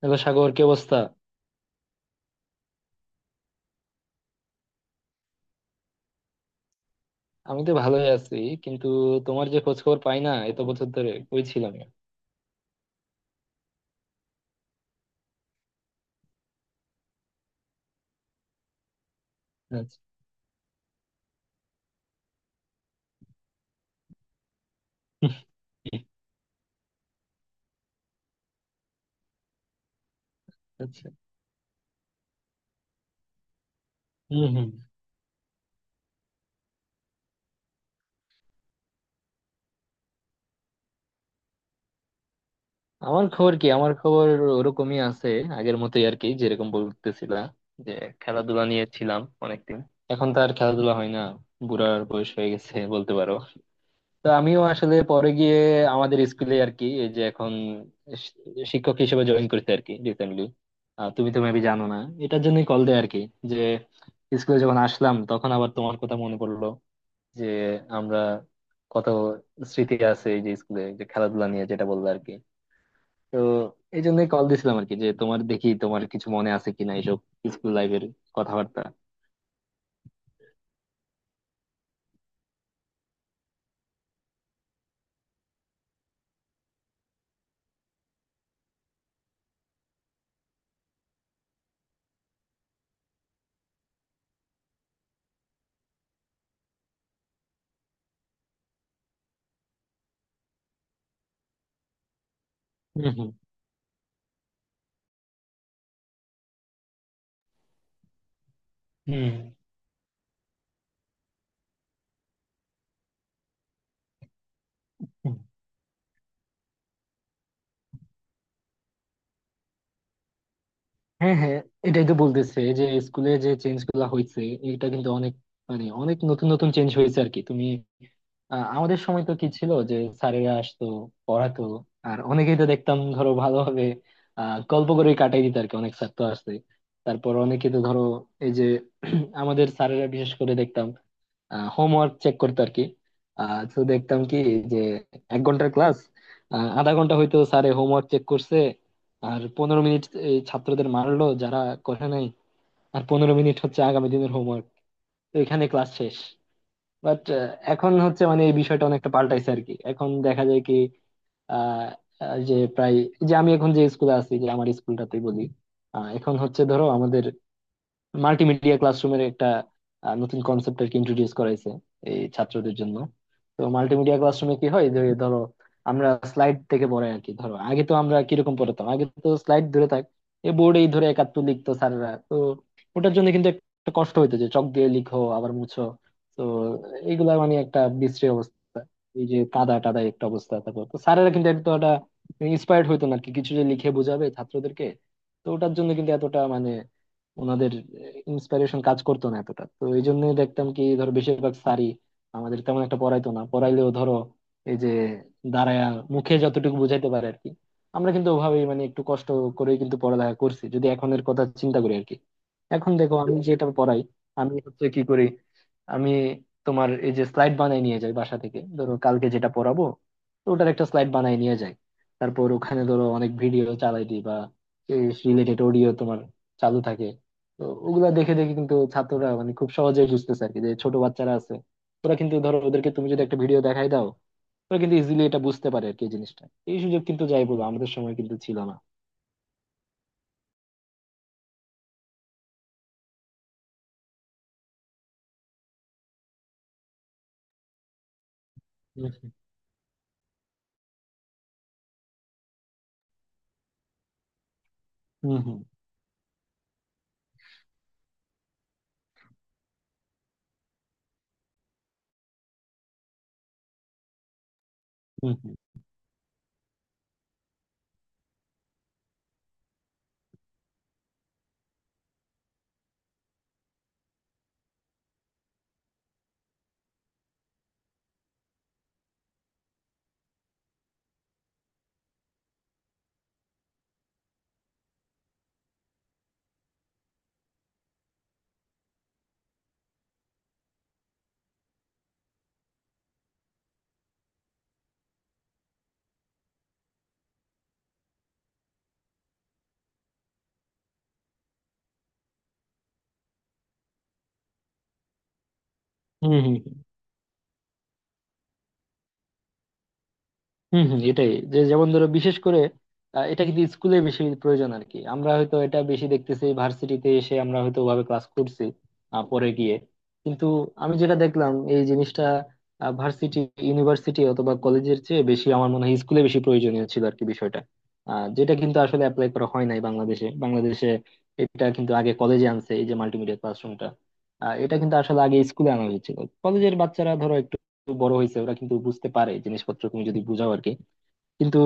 Hello Sagar, কি অবস্থা? আমি তো ভালোই আছি, কিন্তু তোমার যে খোঁজ খবর পাই না এত বছর ধরে, কই ছিলাম? আচ্ছা, আচ্ছা। হম, হম। আমার খবর কি, আমার খবর ওরকমই আছে, আগের মতোই আর কি, যেরকম বলতেছিলা যে খেলাধুলা নিয়ে ছিলাম অনেকদিন। এখন তো আর খেলাধুলা হয় না, বুড়ার বয়স হয়ে গেছে বলতে পারো। তো আমিও আসলে পরে গিয়ে আমাদের স্কুলে আর কি, এই যে এখন শি- শিক্ষক হিসেবে জয়েন করতে আর কি, রিসেন্টলি। তুমি তো মেবি জানো না, এটার জন্যই কল দেয় আর কি, যে স্কুলে যখন আসলাম তখন আবার তোমার কথা মনে পড়লো যে আমরা কত স্মৃতি আছে, এই যে স্কুলে যে খেলাধুলা নিয়ে যেটা বললো আর কি। তো এই জন্যই কল দিছিলাম আর কি, যে তোমার দেখি তোমার কিছু মনে আছে কিনা এইসব স্কুল লাইফের কথাবার্তা। হুম, হুম, হুম। হ্যাঁ, হ্যাঁ, এটাই তো বলতেছে যে স্কুলে যে চেঞ্জ গুলা হয়েছে, এটা কিন্তু অনেক, মানে অনেক নতুন নতুন চেঞ্জ হয়েছে আর কি। তুমি, আমাদের সময় তো কি ছিল, যে স্যারেরা আসতো, পড়াতো, আর অনেকেই তো দেখতাম ধরো ভালোভাবে গল্প করে কাটাই দিত আর কি। অনেক স্যার তো আসছে, তারপর অনেকে তো ধরো এই যে আমাদের স্যারেরা বিশেষ করে দেখতাম হোমওয়ার্ক চেক করতো আর কি। তো দেখতাম কি, যে 1 ঘন্টার ক্লাস, আধা ঘন্টা হয়তো স্যারে হোমওয়ার্ক চেক করছে, আর 15 মিনিট এই ছাত্রদের মারলো যারা করে নাই, আর 15 মিনিট হচ্ছে আগামী দিনের হোমওয়ার্ক। তো এখানে ক্লাস শেষ। বাট এখন হচ্ছে, মানে এই বিষয়টা অনেকটা পাল্টাইছে আর কি, এখন দেখা যায় কি, আহ আহ, যে প্রায়, যে আমি এখন যে স্কুলে আছি, যে আমার স্কুলটাতেই বলি, এখন হচ্ছে ধরো আমাদের মাল্টিমিডিয়া ক্লাসরুমের একটা নতুন কনসেপ্ট আর কি ইন্ট্রোডিউস করাইছে এই ছাত্রদের জন্য। তো মাল্টিমিডিয়া ক্লাসরুমে কি হয়, যে ধরো আমরা স্লাইড থেকে পড়াই আর কি। ধরো আগে তো আমরা কিরকম পড়াতাম, আগে তো স্লাইড ধরে থাক, এই বোর্ডেই ধরে 71 লিখতো স্যাররা তো। ওটার জন্য কিন্তু একটা কষ্ট হইতো, যে চক দিয়ে লিখো আবার মুছো। তো এইগুলা মানে একটা বিশ্রী অবস্থা, এই যে কাদা টাদা একটা অবস্থা। তারপর তো স্যারেরা কিন্তু এত একটা ইন্সপায়ার্ড হইতো না আর কি, কিছু যে লিখে বোঝাবে ছাত্রদেরকে। তো ওটার জন্য কিন্তু এতটা মানে ওনাদের ইন্সপিরেশন কাজ করতো না এতটা। তো এই জন্যই দেখতাম কি ধরো, বেশিরভাগ স্যারই আমাদের তেমন একটা পড়াইতো না, পড়াইলেও ধরো এই যে দাঁড়ায়া মুখে যতটুকু বুঝাইতে পারে আর কি। আমরা কিন্তু ওভাবেই, মানে একটু কষ্ট করেই কিন্তু পড়ালেখা করছি, যদি এখনের কথা চিন্তা করি আর কি। এখন দেখো আমি যেটা পড়াই, আমি হচ্ছে কি করি, আমি তোমার এই যে স্লাইড বানাই নিয়ে যাই বাসা থেকে, ধরো কালকে যেটা পড়াবো তো ওটার একটা স্লাইড বানাই নিয়ে যাই। তারপর ওখানে ধরো অনেক ভিডিও চালাই দিই, বা রিলেটেড অডিও তোমার চালু থাকে। তো ওগুলা দেখে দেখে কিন্তু ছাত্ররা মানে খুব সহজেই বুঝতেছে আর কি। যে ছোট বাচ্চারা আছে, ওরা কিন্তু ধরো, ওদেরকে তুমি যদি একটা ভিডিও দেখাই দাও, ওরা কিন্তু ইজিলি এটা বুঝতে পারে আর কি এই জিনিসটা। এই সুযোগ কিন্তু, যাই বলবো, আমাদের সময় কিন্তু ছিল না। হম, হম, হম, হম, হম, হম, হম, হম, হম, হম। এটাই, যে যেমন ধরো বিশেষ করে এটা কিন্তু স্কুলে বেশি প্রয়োজন আর কি। আমরা হয়তো এটা বেশি দেখতেছি ভার্সিটিতে এসে, আমরা হয়তো ওভাবে ক্লাস করছি পরে গিয়ে। কিন্তু আমি যেটা দেখলাম এই জিনিসটা, ভার্সিটি, ইউনিভার্সিটি অথবা কলেজের চেয়ে বেশি আমার মনে হয় স্কুলে বেশি প্রয়োজনীয় ছিল আর কি বিষয়টা। যেটা কিন্তু আসলে অ্যাপ্লাই করা হয় নাই বাংলাদেশে। এটা কিন্তু আগে কলেজে আনছে এই যে মাল্টিমিডিয়া ক্লাসরুমটা, এটা কিন্তু আসলে আগে স্কুলে আনা হয়েছিল। কলেজের বাচ্চারা ধরো একটু বড় হয়েছে, ওরা কিন্তু বুঝতে পারে জিনিসপত্র তুমি যদি বুঝাও আর কি। কিন্তু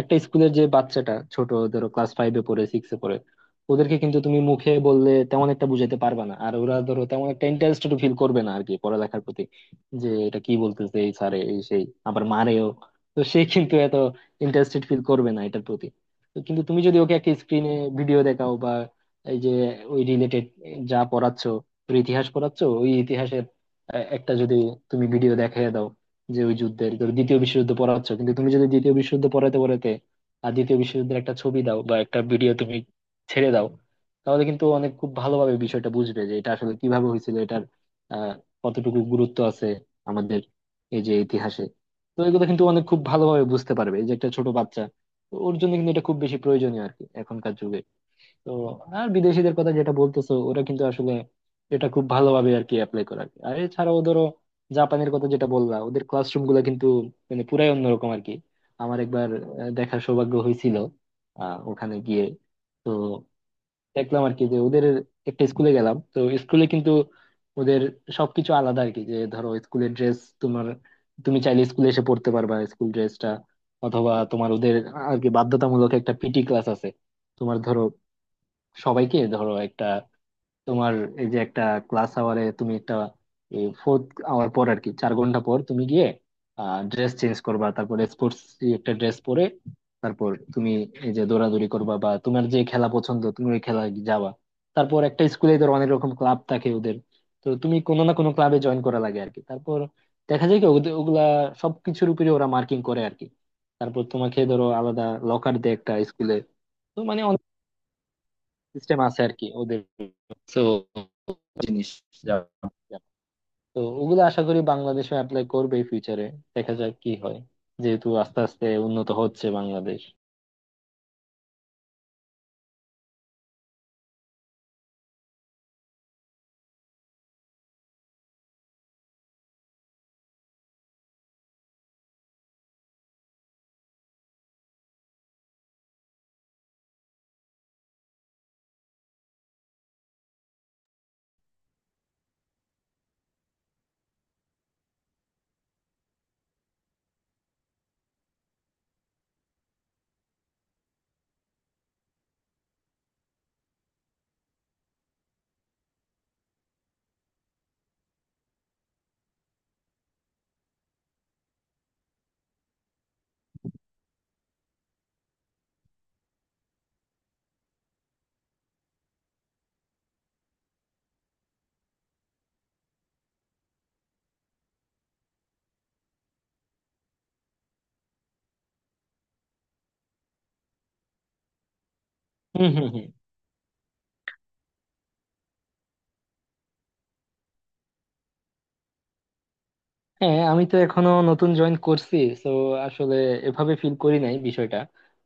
একটা স্কুলের যে বাচ্চাটা ছোট, ধরো ক্লাস ফাইভে পড়ে, সিক্সে পড়ে, ওদেরকে কিন্তু তুমি মুখে বললে তেমন একটা বুঝাতে পারবে না, আর ওরা ধরো তেমন একটা ইন্টারেস্টেড ফিল করবে না আর কি পড়ালেখার প্রতি। যে এটা কি বলতেছে এই স্যারে, এই সেই, আবার মারেও। তো সে কিন্তু এত ইন্টারেস্টেড ফিল করবে না এটার প্রতি। তো কিন্তু তুমি যদি ওকে একটা স্ক্রিনে ভিডিও দেখাও, বা এই যে ওই রিলেটেড, যা পড়াচ্ছ, ওর ইতিহাস পড়াচ্ছ, ওই ইতিহাসের একটা যদি তুমি ভিডিও দেখাই দাও, যে ওই যুদ্ধের, ধরো দ্বিতীয় বিশ্বযুদ্ধ পড়াচ্ছ, কিন্তু তুমি যদি দ্বিতীয় বিশ্বযুদ্ধ পড়াতে পড়াতে আর দ্বিতীয় বিশ্বযুদ্ধের একটা ছবি দাও বা একটা ভিডিও তুমি ছেড়ে দাও, তাহলে কিন্তু অনেক খুব ভালোভাবে বিষয়টা বুঝবে, যে এটা আসলে কিভাবে হয়েছিল, এটার আহ কতটুকু গুরুত্ব আছে আমাদের এই যে ইতিহাসে। তো এগুলো কিন্তু অনেক খুব ভালোভাবে বুঝতে পারবে এই যে একটা ছোট বাচ্চা। তো ওর জন্য কিন্তু এটা খুব বেশি প্রয়োজনীয় আর কি এখনকার যুগে। তো আর বিদেশিদের কথা যেটা বলতেছো, ওরা কিন্তু আসলে এটা খুব ভালোভাবে আর কি অ্যাপ্লাই করে আর কি। আর এছাড়াও ধরো জাপানের কথা যেটা বললা, ওদের ক্লাসরুম গুলো কিন্তু মানে পুরাই অন্যরকম আর কি। আমার একবার দেখার সৌভাগ্য হয়েছিল ওখানে গিয়ে। তো দেখলাম আর কি যে ওদের, একটা স্কুলে গেলাম তো স্কুলে কিন্তু ওদের সবকিছু আলাদা আর কি। যে ধরো স্কুলের ড্রেস তোমার, তুমি চাইলে স্কুলে এসে পড়তে পারবা স্কুল ড্রেসটা, অথবা তোমার ওদের আর কি বাধ্যতামূলক একটা পিটি ক্লাস আছে। তোমার ধরো সবাইকে ধরো একটা তোমার এই যে একটা ক্লাস আওয়ারে তুমি একটা ফোর্থ আওয়ার পর আর কি, 4 ঘন্টা পর তুমি গিয়ে ড্রেস চেঞ্জ করবা, তারপর স্পোর্টস একটা ড্রেস পরে তারপর তুমি এই যে দৌড়াদৌড়ি করবা, বা তোমার যে খেলা পছন্দ তুমি ওই খেলায় যাবা। তারপর একটা স্কুলে ধরো অনেক রকম ক্লাব থাকে ওদের, তো তুমি কোনো না কোনো ক্লাবে জয়েন করা লাগে আর কি। তারপর দেখা যায় কি ওগুলা সবকিছুর উপরে ওরা মার্কিং করে আর কি। তারপর তোমাকে ধরো আলাদা লকার দেয় একটা স্কুলে। তো মানে সিস্টেম আছে আর কি ওদের। তো জিনিস, যা- তো ওগুলো আশা করি বাংলাদেশে অ্যাপ্লাই করবে ফিউচারে। দেখা যাক কি হয়, যেহেতু আস্তে আস্তে উন্নত হচ্ছে বাংলাদেশ। হুম, হুম, হুম। হ্যাঁ আমি তো এখনো নতুন জয়েন করছি, তো আসলে এভাবে ফিল করি নাই বিষয়টা।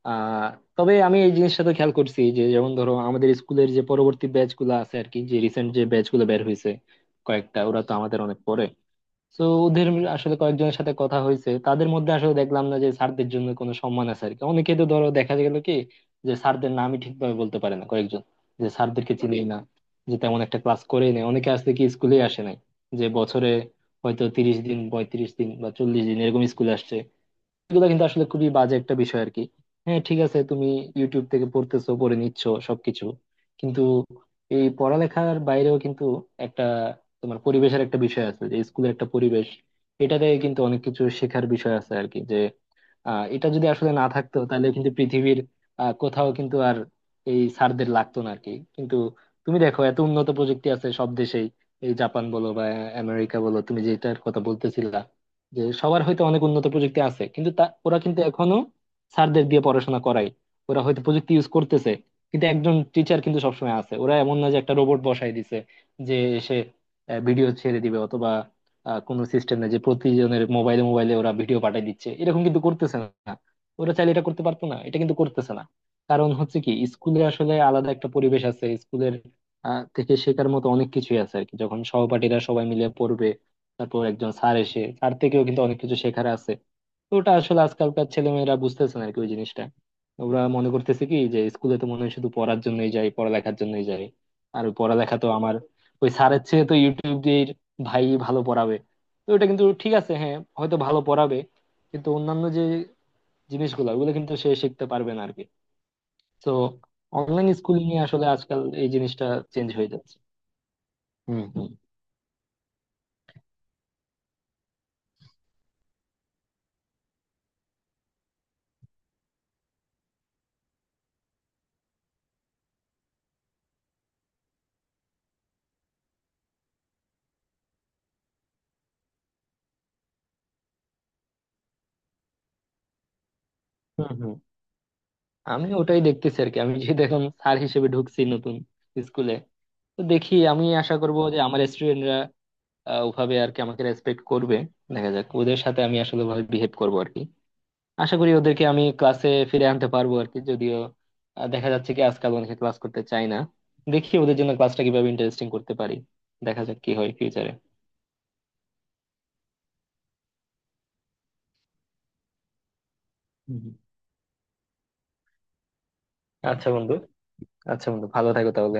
আহ তবে আমি এই জিনিসটা তো খেয়াল করছি, যে যেমন ধরো আমাদের স্কুলের যে পরবর্তী ব্যাচ গুলো আছে আর কি, যে রিসেন্ট যে ব্যাচ গুলো বের হয়েছে কয়েকটা, ওরা তো আমাদের অনেক পরে। তো ওদের আসলে কয়েকজনের সাথে কথা হয়েছে, তাদের মধ্যে আসলে দেখলাম না যে স্যারদের জন্য কোনো সম্মান আছে আর কি। অনেকে তো ধরো দেখা গেল কি যে স্যারদের নামই ঠিকভাবে বলতে পারে না কয়েকজন, যে স্যারদেরকে চিনি না, যে তেমন একটা ক্লাস করেই নেই, অনেকে আসলে কি স্কুলে আসে নাই, যে বছরে হয়তো 30 দিন, 35 দিন বা 40 দিন এরকম স্কুলে আসছে। এগুলো কিন্তু আসলে খুবই বাজে একটা বিষয় আর কি। হ্যাঁ ঠিক আছে, তুমি ইউটিউব থেকে পড়তেছো, পড়ে নিচ্ছ সবকিছু, কিন্তু এই পড়ালেখার বাইরেও কিন্তু একটা তোমার পরিবেশের একটা বিষয় আছে, যে স্কুলের একটা পরিবেশ, এটাতে কিন্তু অনেক কিছু শেখার বিষয় আছে আর কি। যে এটা যদি আসলে না থাকতো তাহলে কিন্তু পৃথিবীর কোথাও কিন্তু আর এই সারদের লাগতো না আর কি। কিন্তু তুমি দেখো এত উন্নত প্রযুক্তি আছে সব দেশেই, এই জাপান বলো বা আমেরিকা বলো তুমি যেটার কথা বলতেছিলা, যে সবার হয়তো অনেক উন্নত প্রযুক্তি আছে কিন্তু তা ওরা কিন্তু এখনো স্যারদের দিয়ে পড়াশোনা করায়। ওরা হয়তো প্রযুক্তি ইউজ করতেছে, কিন্তু একজন টিচার কিন্তু সবসময় আছে। ওরা এমন না যে একটা রোবট বসাই দিছে যে এসে ভিডিও ছেড়ে দিবে, অথবা কোনো সিস্টেম নেই যে প্রতিজনের মোবাইলে মোবাইলে ওরা ভিডিও পাঠিয়ে দিচ্ছে, এরকম কিন্তু করতেছে না। ওরা চাইলে এটা করতে পারতো, না, এটা কিন্তু করতেছে না। কারণ হচ্ছে কি, স্কুলে আসলে আলাদা একটা পরিবেশ আছে স্কুলের থেকে শেখার মতো অনেক কিছুই আছে আর কি। যখন সহপাঠীরা সবাই মিলে পড়বে, তারপর একজন স্যার এসে, স্যার থেকেও কিন্তু অনেক কিছু শেখার আছে। তো ওটা আসলে আজকালকার ছেলেমেয়েরা বুঝতেছে না আর কি ওই জিনিসটা। ওরা মনে করতেছে কি, যে স্কুলে তো মনে হয় শুধু পড়ার জন্যই যাই, পড়ালেখার জন্যই যাই, আর ওই পড়ালেখা তো আমার ওই স্যারের চেয়ে তো ইউটিউব দিয়ে ভাই ভালো পড়াবে। তো ওটা কিন্তু ঠিক আছে, হ্যাঁ হয়তো ভালো পড়াবে, কিন্তু অন্যান্য যে জিনিসগুলো ওগুলো কিন্তু সে শিখতে পারবে না আরকি। তো অনলাইন স্কুলিং এ আসলে আজকাল এই জিনিসটা চেঞ্জ হয়ে যাচ্ছে। হুম, হুম, হুম, হুম। আমি ওটাই দেখতেছি আর কি। আমি যেহেতু এখন স্যার হিসেবে ঢুকছি নতুন স্কুলে, তো দেখি, আমি আশা করব যে আমার স্টুডেন্টরা ওভাবে আর কি আমাকে রেসপেক্ট করবে। দেখা যাক, ওদের সাথে আমি আসলে ওভাবে বিহেভ করবো আর কি। আশা করি ওদেরকে আমি ক্লাসে ফিরে আনতে পারবো আর কি, যদিও দেখা যাচ্ছে কি আজকাল অনেকে ক্লাস করতে চায় না। দেখি ওদের জন্য ক্লাসটা কিভাবে ইন্টারেস্টিং করতে পারি। দেখা যাক কি হয় ফিউচারে। হুম, হুম। আচ্ছা বন্ধু। আচ্ছা বন্ধু, ভালো থাকো তাহলে।